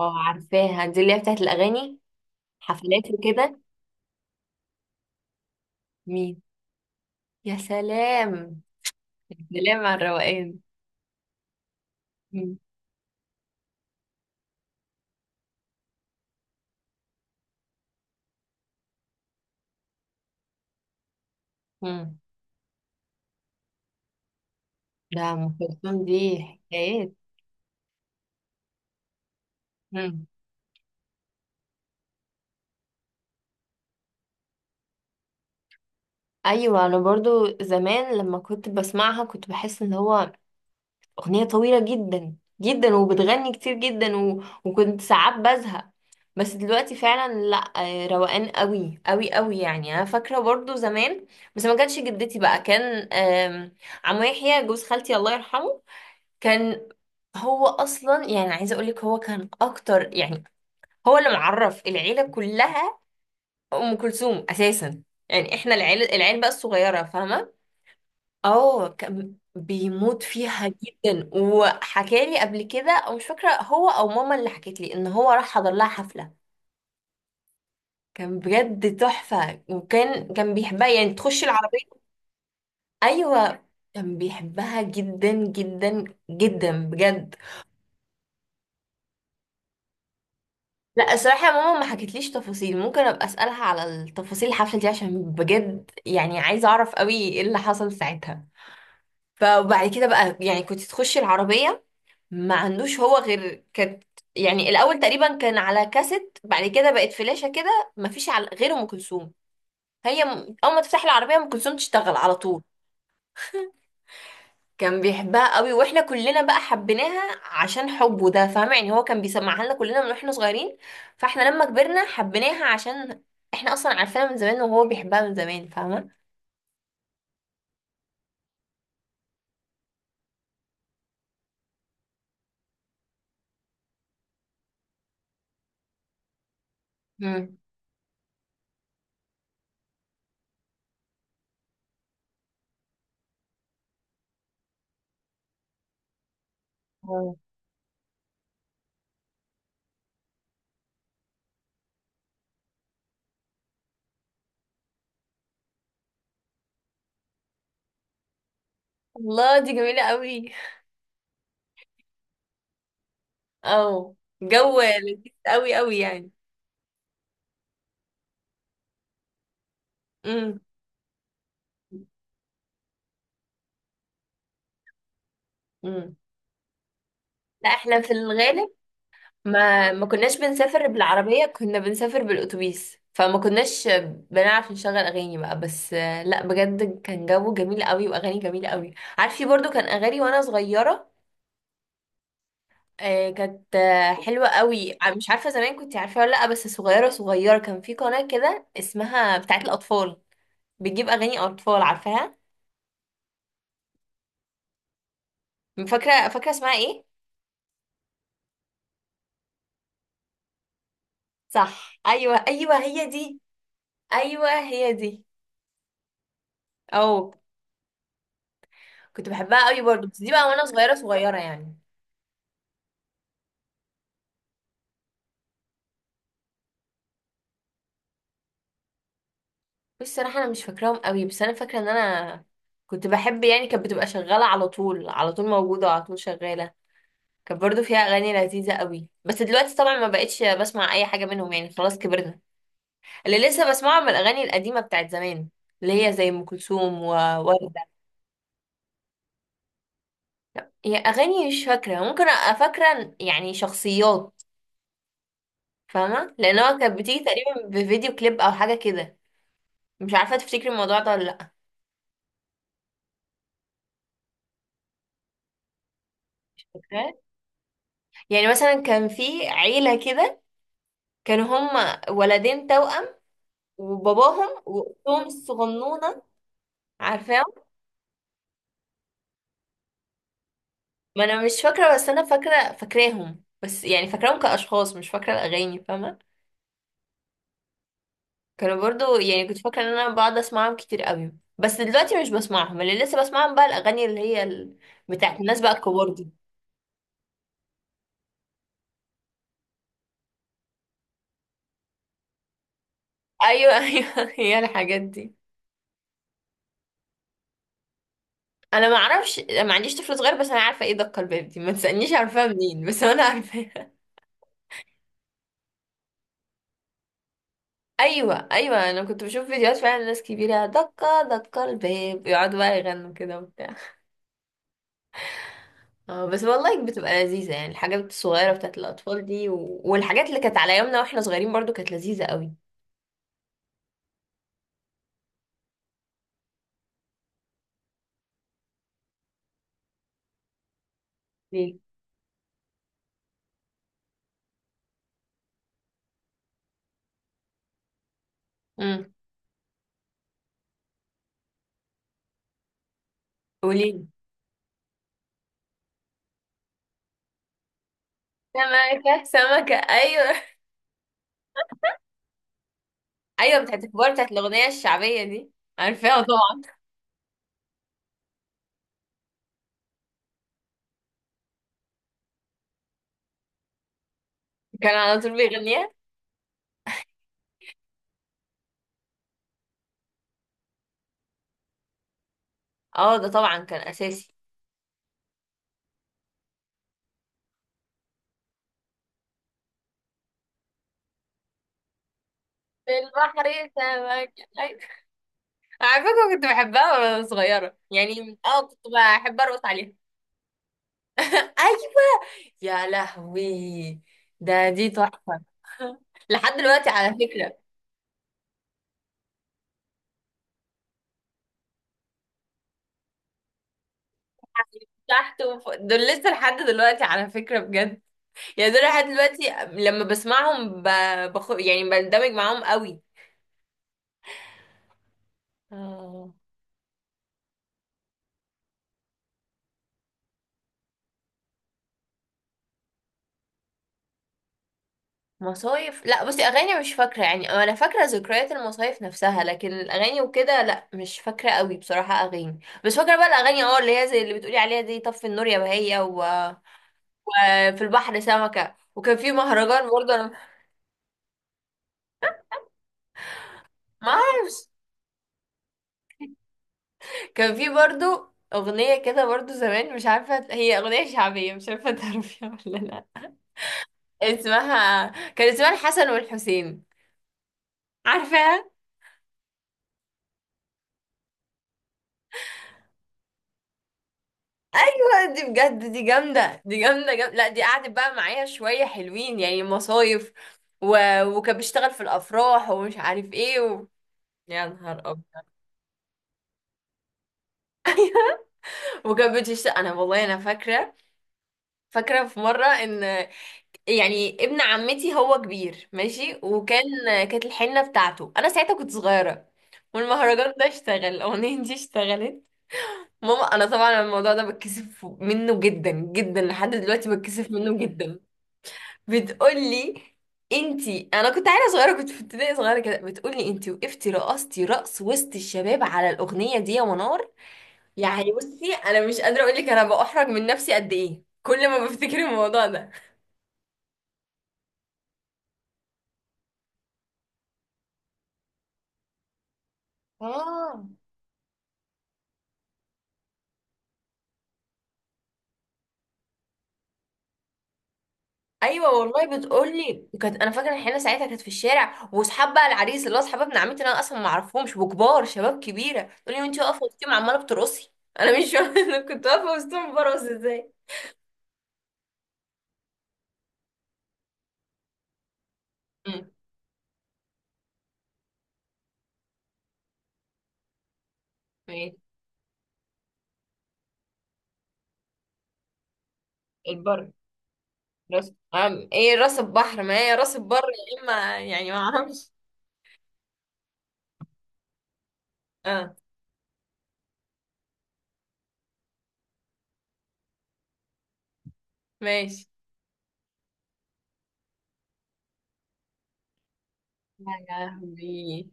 اه، عارفاها دي اللي هي بتاعت الأغاني، حفلات وكده. مين؟ يا سلام! يا سلام على الروقان! مم. مم. ده أم كلثوم دي حكايات! مم. أيوة، أنا برضو زمان لما كنت بسمعها كنت بحس إن هو أغنية طويلة جدا جدا وبتغني كتير جدا، و... وكنت ساعات بزهق. بس دلوقتي فعلا لا، روقان قوي قوي قوي، يعني انا فاكره برضو زمان. بس ما كانش جدتي، بقى كان عمو يحيى، جوز خالتي الله يرحمه، كان، هو اصلا يعني عايزه اقول لك هو كان اكتر، يعني هو اللي معرف العيله كلها ام كلثوم اساسا. يعني احنا العيله بقى الصغيره، فاهمه؟ اه، كان بيموت فيها جدا. وحكالي قبل كده، او مش فاكره هو او ماما اللي حكت لي، ان هو راح حضر لها حفله. كان بجد تحفه. وكان بيحبها، يعني تخش العربيه. ايوه. كان بيحبها جدا جدا جدا، بجد. لا، الصراحة يا ماما، ما حكتليش تفاصيل. ممكن ابقى اسألها على التفاصيل الحفلة دي عشان بجد يعني عايزة اعرف قوي ايه اللي حصل ساعتها. فبعد كده بقى يعني كنت تخشي العربية ما عندوش هو غير، كانت يعني الاول تقريبا كان على كاسيت، بعد كده بقت فلاشة، كده ما فيش على غير ام كلثوم. هي اول ما تفتحي العربية ام كلثوم تشتغل على طول. كان بيحبها قوي، واحنا كلنا بقى حبيناها عشان حبه ده، فاهمة؟ يعني هو كان بيسمعها لنا كلنا من واحنا صغيرين. فاحنا لما كبرنا حبيناها عشان احنا اصلا عارفينها من زمان وهو بيحبها من زمان، فاهمة؟ مم. اه الله، دي جميلة قوي. اه، جو لذيذ قوي قوي يعني. امم. امم. لا، احنا في الغالب ما ما كناش بنسافر بالعربية، كنا بنسافر بالأتوبيس، فما كناش بنعرف نشغل أغاني بقى. بس لا بجد كان جو جميل قوي وأغاني جميلة قوي. عارفة؟ برضو كان أغاني وأنا صغيرة، كانت حلوة قوي. مش عارفة زمان كنت عارفة ولا لأ، بس صغيرة صغيرة كان في قناة كده اسمها بتاعت الأطفال، بتجيب أغاني أطفال. عارفاها؟ فاكرة، فاكرة اسمها ايه؟ صح، أيوة، أيوة هي دي. أيوة هي دي. أو، كنت بحبها قوي برضو، بس دي بقى وأنا صغيرة صغيرة يعني. بص، صراحة أنا مش فاكراهم قوي، بس أنا فاكرة إن أنا كنت بحب، يعني كانت بتبقى شغالة على طول، على طول موجودة، وعلى طول شغالة. كانت برضو فيها أغاني لذيذة قوي. بس دلوقتي طبعا ما بقتش بسمع أي حاجة منهم، يعني خلاص كبرنا. اللي لسه بسمعه من الأغاني القديمة بتاعت زمان، اللي هي زي أم كلثوم ووردة. هي أغاني مش فاكرة، ممكن أبقى فاكرة يعني شخصيات، فاهمة؟ لأن هو كانت بتيجي تقريبا بفيديو كليب أو حاجة كده. مش عارفة تفتكري الموضوع ده ولا لأ. فاكراه، يعني مثلا كان في عيلة كده، كانوا هما ولدين توأم وباباهم واختهم الصغنونة. عارفاهم؟ ما انا مش فاكرة، بس انا فاكرة فاكراهم، بس يعني فاكراهم كأشخاص، مش فاكرة الأغاني، فاهمة؟ كانوا برضو، يعني كنت فاكرة ان انا بقعد اسمعهم كتير قوي. بس دلوقتي مش بسمعهم. اللي لسه بسمعهم بقى الأغاني اللي هي بتاعت الناس بقى الكبار دي. ايوه، ايوه هي الحاجات دي. انا ما اعرفش، ما عنديش طفل صغير، بس انا عارفه ايه دق الباب دي، ما تسالنيش عارفاها منين، بس انا عارفاها. ايوه، ايوه، انا كنت بشوف فيديوهات فعلا، ناس كبيره دقه دقه الباب، يقعدوا بقى يغنوا كده وبتاع. اه بس والله بتبقى لذيذه، يعني الحاجات الصغيره بتاعت الاطفال دي، و... والحاجات اللي كانت على يومنا واحنا صغيرين برضو كانت لذيذه قوي. ليه؟ امم. قولي. سمكه سمكه، ايوه. ايوه، بتاعت الكبار، بتاعت الاغنيه الشعبيه دي. عارفاها طبعا. كان على طول بيغنيها. اه، ده طبعا كان اساسي. في البحر سمكه، ايوه. على فكره كنت بحبها وانا صغيره يعني، كنت بحب ارقص عليها. ايوه. يا لهوي. ده دي تحفة! لحد دلوقتي على فكرة. تحت وفوق دول لسه لحد دلوقتي على فكرة، بجد. يعني دول لحد دلوقتي لما بسمعهم يعني بندمج معاهم قوي. آه، مصايف لا، بصي اغاني مش فاكرة، يعني انا فاكرة ذكريات المصايف نفسها، لكن الاغاني وكده لا مش فاكرة قوي بصراحة اغاني. بس فاكرة بقى الاغاني اللي هي زي اللي بتقولي عليها دي طف النور يا بهية وفي البحر سمكة. وكان في مهرجان برضه، انا ما اعرف. كان في برضو أغنية كده برضو زمان، مش عارفة، هي أغنية شعبية مش عارفة تعرفيها ولا لأ. اسمها، كان اسمها الحسن والحسين، عارفاها؟ أيوة، دي بجد دي جامدة، دي جامدة جامدة، لأ دي قعدت بقى معايا شوية حلوين يعني مصايف و... وكان بيشتغل في الأفراح ومش عارف ايه يا نهار أبيض. وكان بتشتغل، أنا والله أنا فاكرة، فاكرة في مرة إن، يعني ابن عمتي، هو كبير ماشي، وكان كانت الحنة بتاعته، انا ساعتها كنت صغيرة، والمهرجان ده اشتغل، الاغنية دي اشتغلت. ماما، انا طبعا الموضوع ده بتكسف منه جدا جدا لحد دلوقتي، بتكسف منه جدا. بتقولي، انتي انا كنت عيله صغيره كنت في ابتدائي صغيره كده، بتقولي انتي وقفتي رقصتي رقص وسط الشباب على الاغنيه دي يا منار. يعني بصي، انا مش قادره اقول لك انا بأحرج من نفسي قد ايه كل ما بفتكر الموضوع ده. اه. ايوه والله بتقولي كانت، انا فاكره الحنه ساعتها كانت في الشارع، واصحاب بقى العريس اللي هو اصحاب ابن عمتي اللي انا اصلا ما اعرفهمش، وكبار شباب كبيره، تقولي وانتي واقفه وسطهم عماله بترقصي. انا مش فاهمه، انا كنت واقفه وسطهم برقص ازاي؟ امم. ايه؟ البر. راس أم ايه، راس البحر، ما هي راس البر. يا اما، يعني ما اعرفش. اه. ماشي. يا لهوي.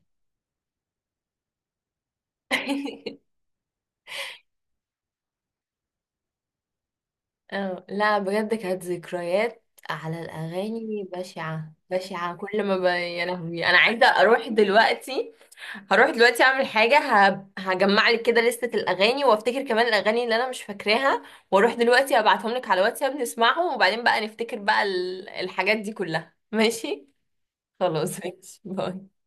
اه لا، بجد كانت ذكريات على الاغاني بشعه بشعه. كل ما يا لهوي، انا عايزه اروح دلوقتي. هروح دلوقتي اعمل حاجة، هجمع لك كده لستة الاغاني وافتكر كمان الاغاني اللي انا مش فاكراها. واروح دلوقتي ابعتهم لك على واتساب نسمعهم، وبعدين بقى نفتكر بقى الحاجات دي كلها، ماشي؟ خلاص، ماشي، باي.